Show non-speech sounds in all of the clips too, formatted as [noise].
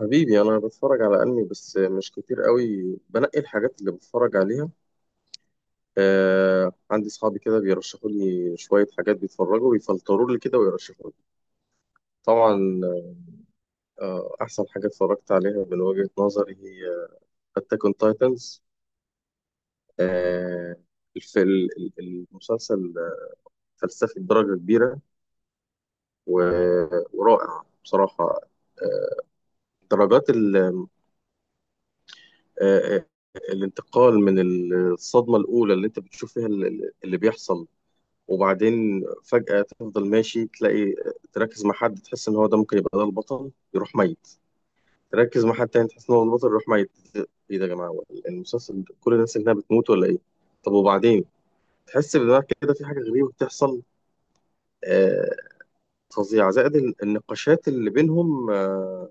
حبيبي انا بتفرج على انمي بس مش كتير قوي. بنقي الحاجات اللي بتفرج عليها. آه، عندي اصحابي كده بيرشحوا لي شويه حاجات، بيتفرجوا بيفلتروا لي كده ويرشحوا لي. طبعا. آه، احسن حاجه اتفرجت عليها من وجهه نظري هي اتاك اون تايتنز. المسلسل فلسفي بدرجه كبيره ورائع بصراحه. آه، درجات آه، آه، الانتقال من الصدمة الأولى اللي أنت بتشوف فيها اللي بيحصل، وبعدين فجأة تفضل ماشي تلاقي، تركز مع حد تحس إن هو ده ممكن يبقى ده البطل، يروح ميت. تركز مع حد تاني تحس إن هو البطل، يروح ميت. إيه ده يا جماعة؟ هو المسلسل ده كل الناس اللي هنا بتموت ولا إيه؟ طب وبعدين تحس بدماغك كده في حاجة غريبة بتحصل، آه فظيعة. زائد النقاشات اللي بينهم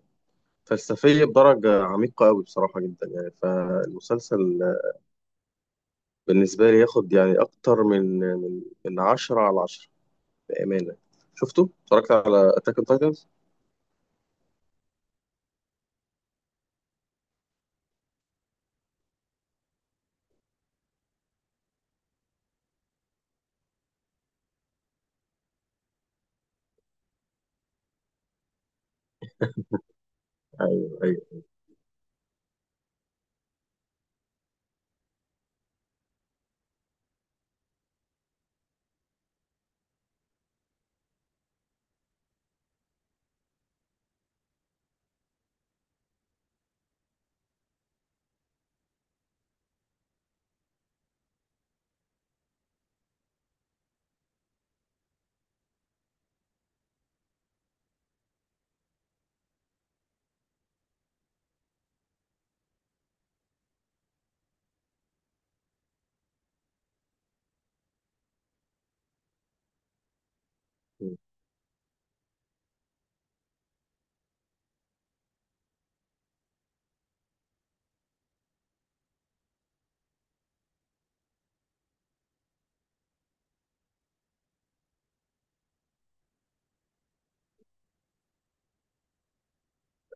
فلسفية بدرجة عميقة أوي بصراحة جدا يعني. فالمسلسل بالنسبة لي ياخد يعني أكتر من عشرة على عشرة بأمانة. شفته؟ اتفرجت على أتاك أون تايتنز؟ ايوه، ايوه.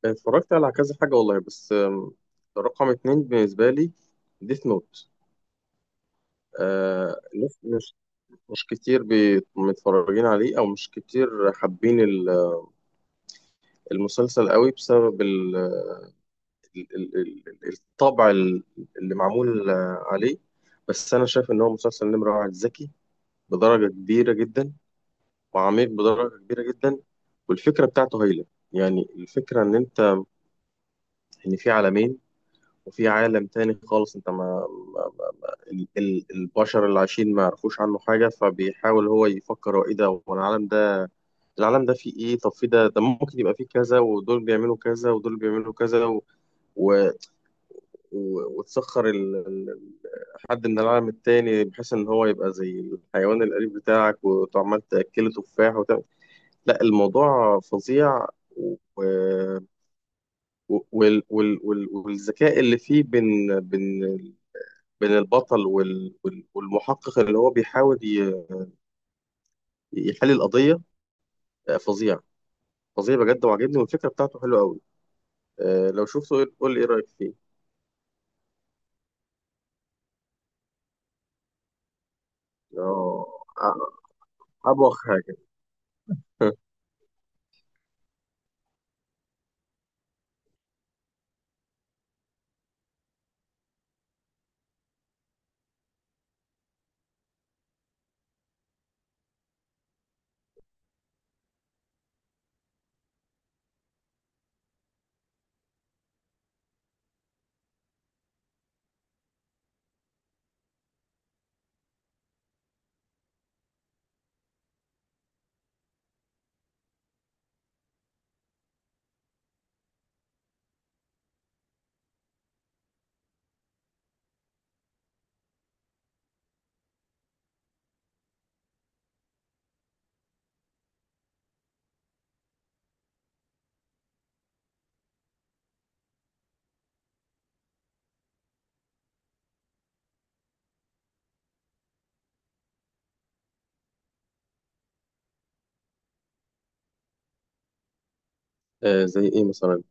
اتفرجت على كذا حاجه والله، بس رقم اتنين بالنسبه لي ديث نوت. آه، ناس مش كتير متفرجين عليه، او مش كتير حابين المسلسل قوي بسبب ال- ال- الطبع اللي معمول عليه. بس انا شايف ان هو مسلسل نمره واحد ذكي بدرجه كبيره جدا، وعميق بدرجه كبيره جدا، والفكره بتاعته هايله. يعني الفكره ان انت، ان في عالمين، وفي عالم تاني خالص انت البشر اللي عايشين ما يعرفوش عنه حاجة. فبيحاول هو يفكر هو ايه ده، هو العالم ده العالم ده فيه ايه؟ طب في ده ده ممكن يبقى فيه كذا، ودول بيعملوا كذا، ودول بيعملوا كذا، و... و... و... وتسخر حد من العالم التاني بحيث ان هو يبقى زي الحيوان الأليف بتاعك، وعمال تأكله تفاح وتعمل. لا، الموضوع فظيع. و... و- والذكاء اللي فيه بين البطل والمحقق اللي هو بيحاول يحل القضية. آه، فظيع. فظيع بجد وعجبني، والفكرة بتاعته حلوة قوي. آه، لو شفته قول لي ايه رأيك فيه. اه. أ- أبوخ حاجة. [laughs] آه، زي ايه مثلا؟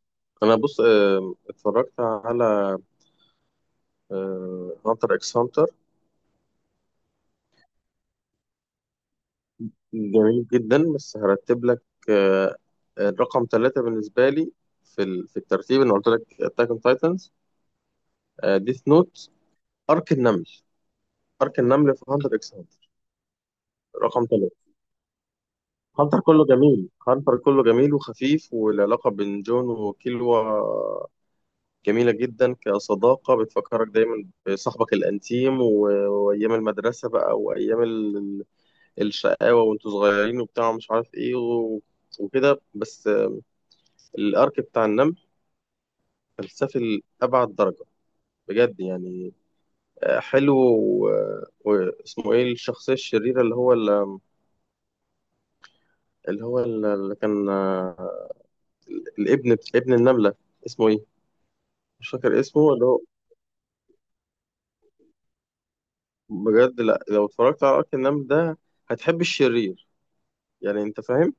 انا بص، اتفرجت على هانتر اكس هانتر. جميل جدا، بس هرتب لك. آه، الرقم ثلاثة بالنسبة لي في في الترتيب، انا قلت لك اتاك اون تايتنز، ديث نوت، ارك النمل. ارك النمل في هانتر اكس هانتر رقم ثلاثة. هانتر كله جميل، هانتر كله جميل وخفيف، والعلاقة بين جون وكيلوا جميلة جدا كصداقة، بتفكرك دايما بصاحبك الأنتيم وأيام المدرسة بقى، وأيام الشقاوة وأنتوا صغيرين وبتاع مش عارف إيه وكده. بس الأرك بتاع النمل فلسفي لأبعد درجة بجد يعني. آه، حلو. واسمه ايه الشخصية الشريرة اللي هو اللي هو اللي كان الابن، ابن النملة، اسمه ايه؟ مش فاكر اسمه اللي هو. بجد، لا، لو اتفرجت على ارك النمل ده هتحب الشرير. يعني انت فاهم.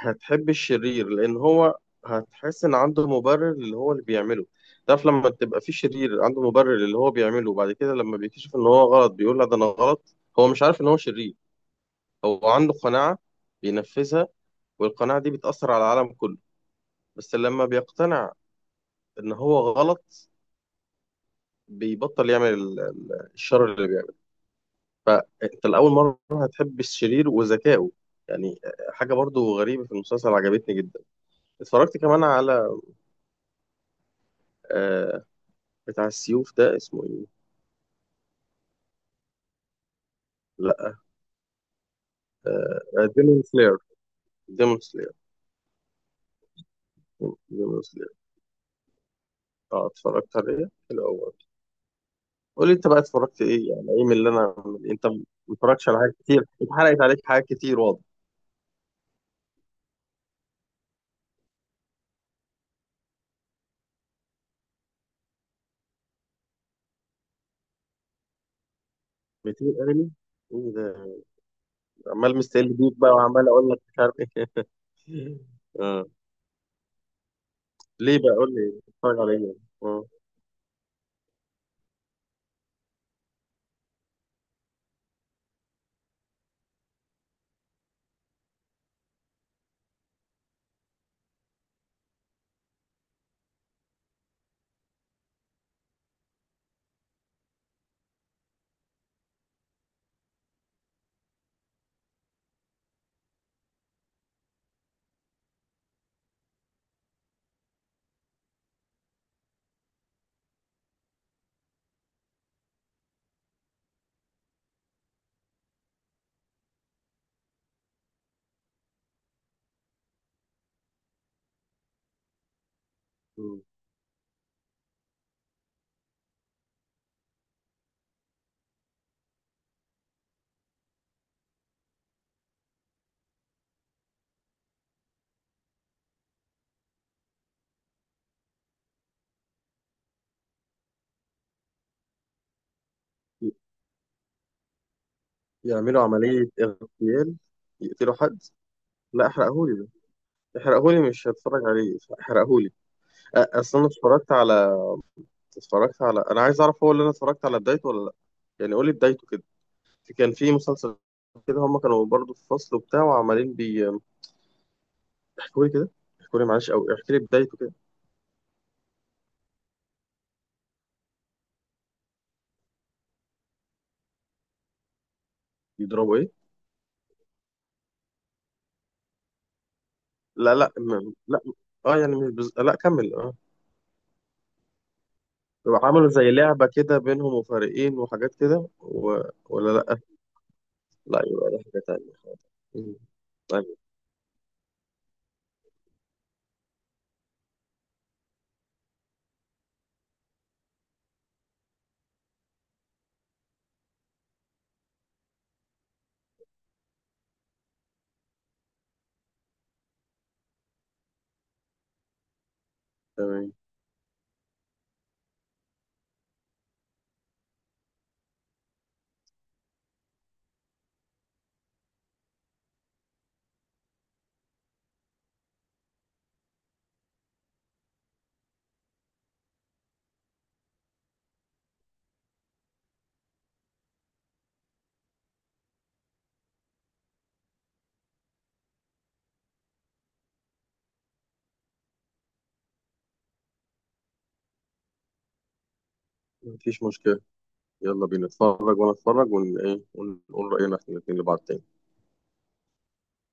هتحب الشرير لان هو، هتحس ان عنده مبرر اللي هو اللي بيعمله. تعرف لما تبقى في شرير عنده مبرر اللي هو بيعمله، وبعد كده لما بيكتشف ان هو غلط بيقول لا ده انا غلط، هو مش عارف ان هو شرير. هو عنده قناعة بينفذها، والقناعة دي بتأثر على العالم كله. بس لما بيقتنع ان هو غلط، بيبطل يعمل الشر. انت لاول مره هتحب الشرير وذكائه، يعني حاجه برضو غريبه في المسلسل عجبتني جدا. اتفرجت كمان على آه، بتاع السيوف ده اسمه ايه؟ لا، ديمون سلاير، ديمون سلاير، ديمون سلاير. اه، اتفرجت عليه حلو قوي. قول لي انت بقى اتفرجت ايه يعني، ايه من اللي انا من... انت ما اتفرجتش على حاجات كتير، اتحرقت عليك حاجات كتير واضح. كتير انمي، ايه ده؟ عمال مستقل بيك بقى، وعمال اقول لك مش عارف ايه. [laughs] آه. ليه بقى؟ قول لي اتفرج على ايه. آه. يعملوا عملية اغتيال؟ يقتلوا حد؟ لا، احرقهولي ده، احرقهولي، مش هتفرج عليه، احرقهولي. اصل انا اتفرجت على، اتفرجت على، انا عايز اعرف هو اللي انا اتفرجت على بدايته ولا لا. يعني قولي بدايته كده. كان في مسلسل كده هم كانوا برضو في فصل وبتاع وعمالين بي، احكولي كده، احكولي معلش، او احكي لي بدايته كده. بيضربوا ايه؟ لا لا لا. اه يعني مش لا كمل. اه، عملوا زي لعبة كده بينهم وفريقين وحاجات كده و... ولا لا؟ لا، يبقى ده حاجة تانية. مم. طيب. تمام. مفيش مشكلة. يلا بينا نتفرج، وأنا أتفرج ون إيه ونقول رأينا إحنا الاتنين لبعض تاني.